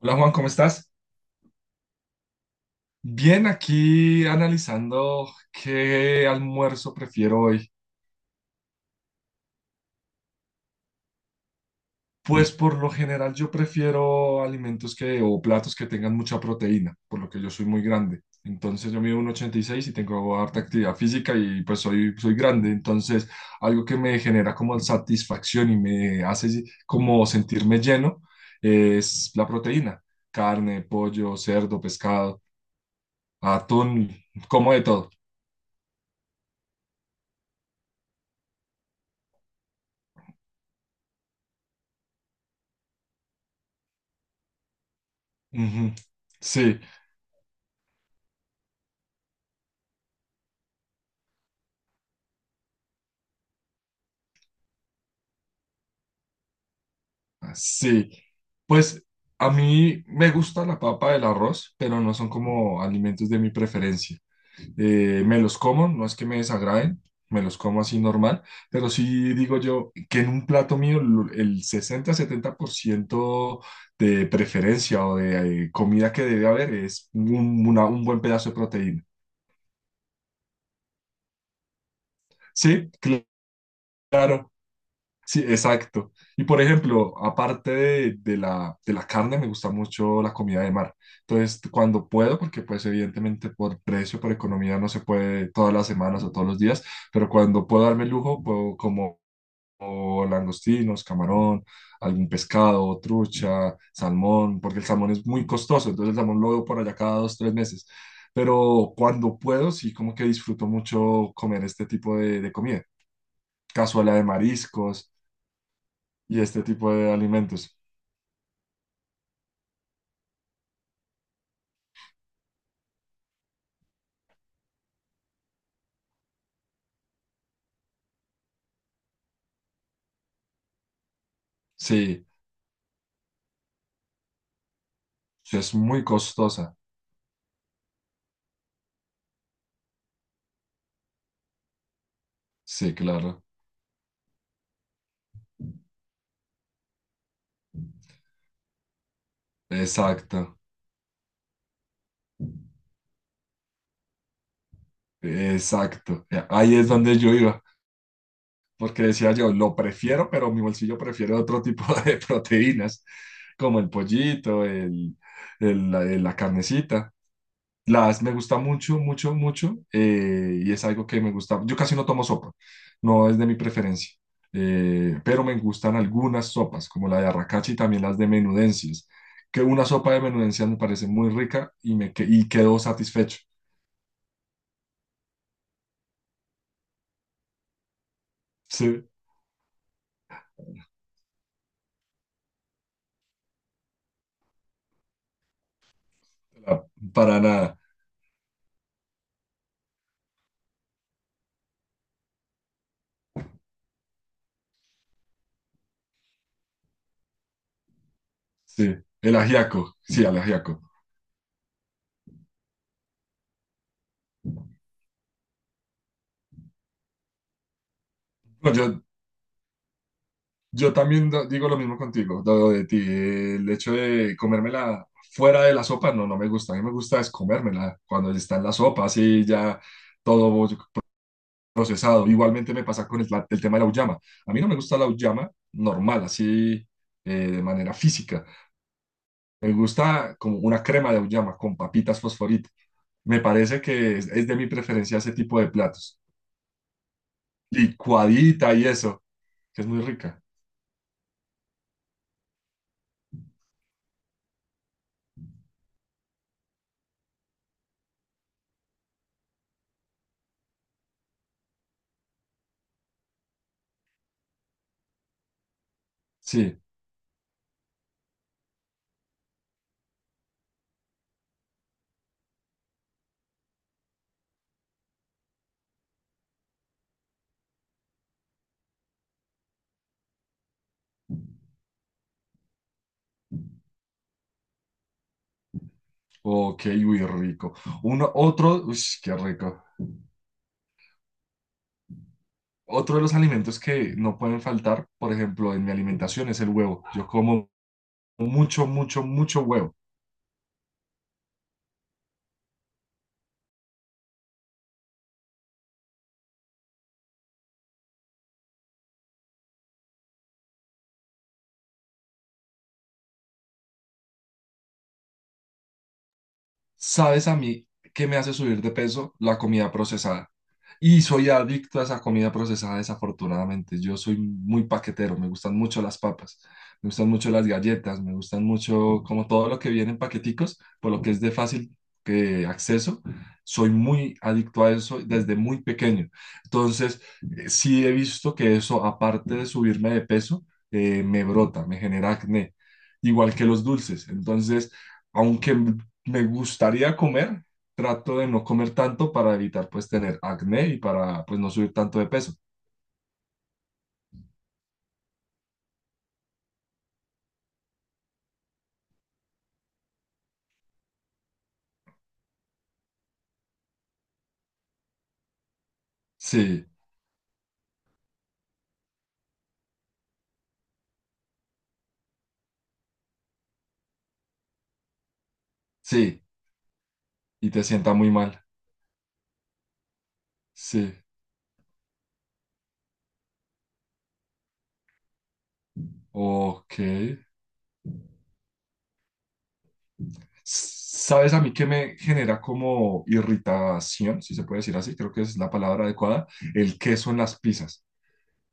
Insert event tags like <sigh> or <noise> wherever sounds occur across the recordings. Hola Juan, ¿cómo estás? Bien, aquí analizando qué almuerzo prefiero hoy. Pues por lo general yo prefiero alimentos que, o platos, que tengan mucha proteína, por lo que yo soy muy grande. Entonces yo mido 1,86 y seis y tengo harta actividad física y pues soy grande. Entonces algo que me genera como satisfacción y me hace si, como sentirme lleno es la proteína. Carne, pollo, cerdo, pescado, atún, como de todo. Ujú. Sí. Ah, sí, pues a mí me gusta la papa, el arroz, pero no son como alimentos de mi preferencia. Me los como, no es que me desagraden, me los como así normal, pero sí digo yo que en un plato mío el sesenta-setenta por ciento de preferencia o de comida que debe haber es un buen pedazo de proteína. Sí, claro. Sí, exacto. Y por ejemplo, aparte de la carne, me gusta mucho la comida de mar. Entonces, cuando puedo, porque pues evidentemente por precio, por economía, no se puede todas las semanas o todos los días, pero cuando puedo darme el lujo, puedo como o langostinos, camarón, algún pescado, trucha, salmón, porque el salmón es muy costoso, entonces el salmón lo veo por allá cada dos, tres meses. Pero cuando puedo, sí, como que disfruto mucho comer este tipo de comida. Cazuela de mariscos y este tipo de alimentos. Sí, es muy costosa. Sí, claro. Exacto, exacto. Ahí es donde yo iba, porque decía yo, lo prefiero, pero mi bolsillo prefiere otro tipo <laughs> de proteínas, como el pollito, la carnecita. Las me gusta mucho, mucho, mucho, y es algo que me gusta. Yo casi no tomo sopa, no es de mi preferencia, pero me gustan algunas sopas, como la de arracachi y también las de menudencias, que una sopa de menudencias me parece muy rica y quedo satisfecho. Sí, la- para nada. Sí, el ajiaco, sí, el ajiaco. No, yo también digo lo mismo contigo, lo de ti. El hecho de comérmela fuera de la sopa, no, no me gusta. A mí me gusta es comérmela cuando está en la sopa, así ya todo procesado. Igualmente me pasa con el tema de la auyama. A mí no me gusta la auyama normal, así de manera física. Me gusta como una crema de auyama con papitas fosforito. Me parece que es de mi preferencia ese tipo de platos. Licuadita y eso, que es muy rica. Sí. Ok, uy, rico. Uno, otro, uy, qué rico. Otro de los alimentos que no pueden faltar, por ejemplo, en mi alimentación es el huevo. Yo como mucho, mucho, mucho huevo. ¿Sabes a mí qué me hace subir de peso? La comida procesada. Y soy adicto a esa comida procesada, desafortunadamente. Yo soy muy paquetero, me gustan mucho las papas, me gustan mucho las galletas, me gustan mucho como todo lo que viene en paqueticos, por lo que es de fácil que acceso. Soy muy adicto a eso desde muy pequeño. Entonces, sí he visto que eso, aparte de subirme de peso, me brota, me genera acné, igual que los dulces. Entonces, aunque me gustaría comer, trato de no comer tanto para evitar pues tener acné y para pues no subir tanto de peso. Sí, sí, y te sienta muy mal. Sí, ok. ¿Sabes a mí qué me genera como irritación, si se puede decir así? Creo que es la palabra adecuada. El queso en las pizzas.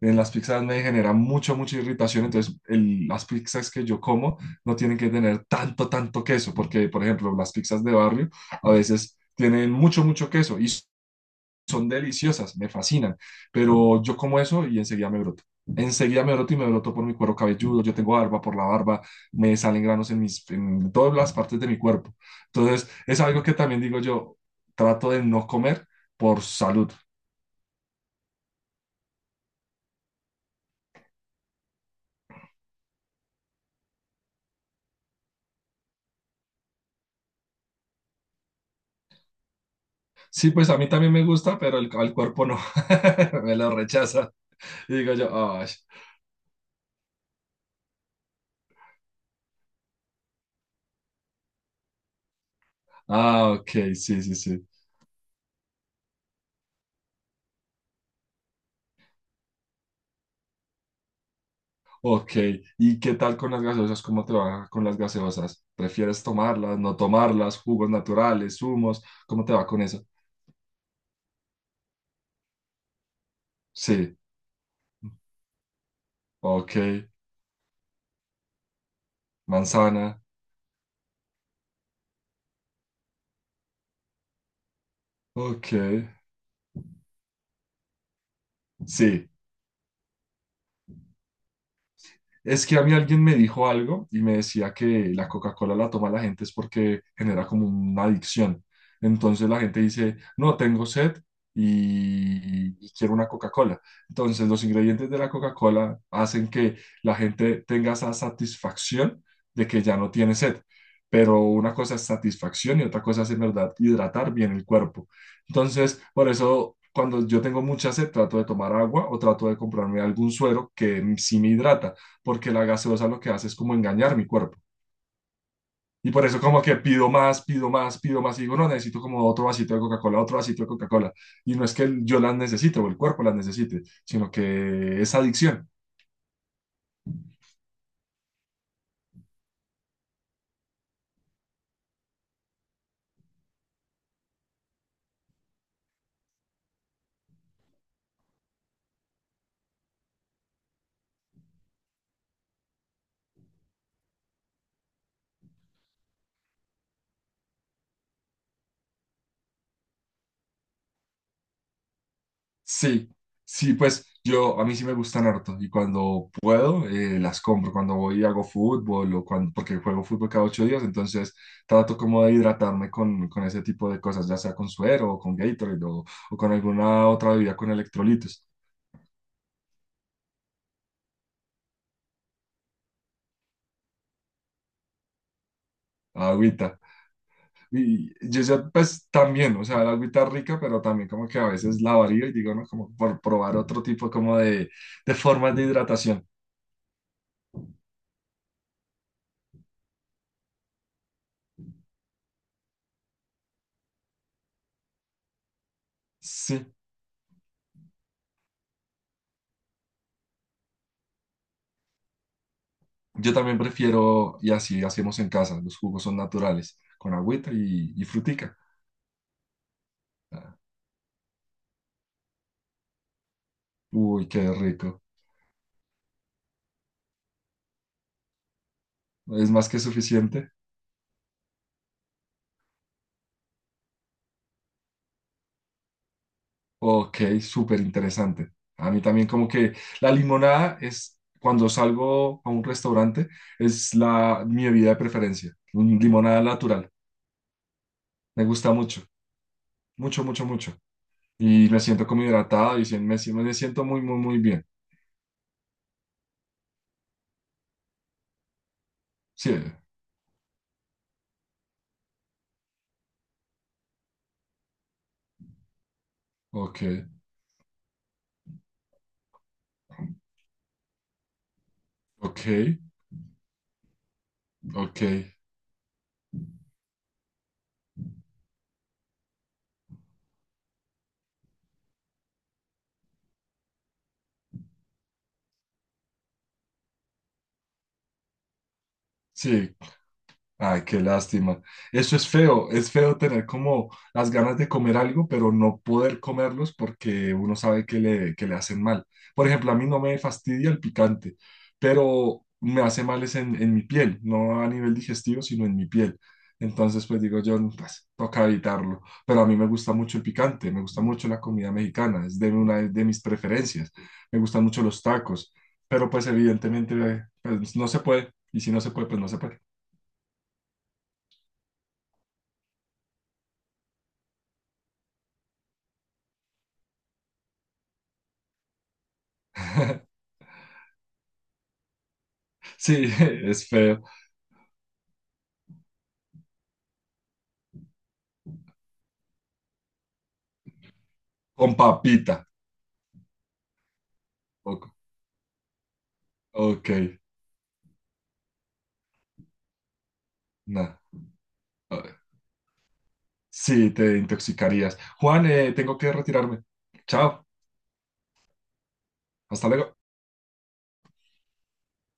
En las pizzas me genera mucha, mucha irritación. Entonces, las pizzas que yo como no tienen que tener tanto, tanto queso, porque, por ejemplo, las pizzas de barrio a veces tienen mucho, mucho queso y son deliciosas, me fascinan, pero yo como eso y enseguida me broto. Enseguida me broto y me broto por mi cuero cabelludo, yo tengo barba por la barba, me salen granos en, mis, en todas las partes de mi cuerpo. Entonces, es algo que también digo yo, trato de no comer por salud. Sí, pues a mí también me gusta, pero al cuerpo no, <laughs> me lo rechaza. Y digo yo, "Ay, ah, ok, sí, sí, sí". Ok, ¿y qué tal con las gaseosas? ¿Cómo te va con las gaseosas? ¿Prefieres tomarlas, no tomarlas, jugos naturales, zumos? ¿Cómo te va con eso? Sí, ok, manzana, ok, sí. Es que a mí alguien me dijo algo y me decía que la Coca-Cola la toma la gente es porque genera como una adicción. Entonces la gente dice, no, tengo sed y quiero una Coca-Cola. Entonces los ingredientes de la Coca-Cola hacen que la gente tenga esa satisfacción de que ya no tiene sed. Pero una cosa es satisfacción y otra cosa es en verdad hidratar bien el cuerpo. Entonces, por eso cuando yo tengo mucha sed, trato de tomar agua o trato de comprarme algún suero que sí me hidrata porque la gaseosa lo que hace es como engañar mi cuerpo. Y por eso como que pido más, pido más, pido más y digo, no, necesito como otro vasito de Coca-Cola, otro vasito de Coca-Cola. Y no es que yo las necesite o el cuerpo las necesite, sino que es adicción. Sí, sí, pues yo, a mí sí me gustan harto y cuando puedo las compro, cuando voy y hago fútbol o cuando, porque juego fútbol cada ocho días, entonces trato como de hidratarme con ese tipo de cosas, ya sea con suero o con Gatorade o con alguna otra bebida con electrolitos, agüita. Y yo pues también, o sea, el agüita rica, pero también como que a veces la varío y digo, no, como por probar otro tipo como de formas de hidratación. Sí, yo también prefiero, y así hacemos en casa, los jugos son naturales, con agüita y frutica. Uy, qué rico. ¿Es más que suficiente? Ok, súper interesante. A mí también como que la limonada es, cuando salgo a un restaurante, es mi bebida de preferencia, un limonada natural. Me gusta mucho. Mucho, mucho, mucho. Y me siento como hidratado y me siento muy, muy, muy bien. Sí, ok, ok, ok. Sí, ay, qué lástima. Eso es feo tener como las ganas de comer algo, pero no poder comerlos porque uno sabe que le hacen mal. Por ejemplo, a mí no me fastidia el picante, pero me hace mal es en mi piel, no a nivel digestivo, sino en mi piel. Entonces, pues digo yo, "Mm, pues toca evitarlo". Pero a mí me gusta mucho el picante, me gusta mucho la comida mexicana, es de una de mis preferencias. Me gustan mucho los tacos, pero pues evidentemente, pues, no se puede. Y si no se puede, pues no se puede. <laughs> Sí, <laughs> es feo. Con papita. O- Ok, nada. Sí, te intoxicarías. Juan, tengo que retirarme. Chao, hasta luego.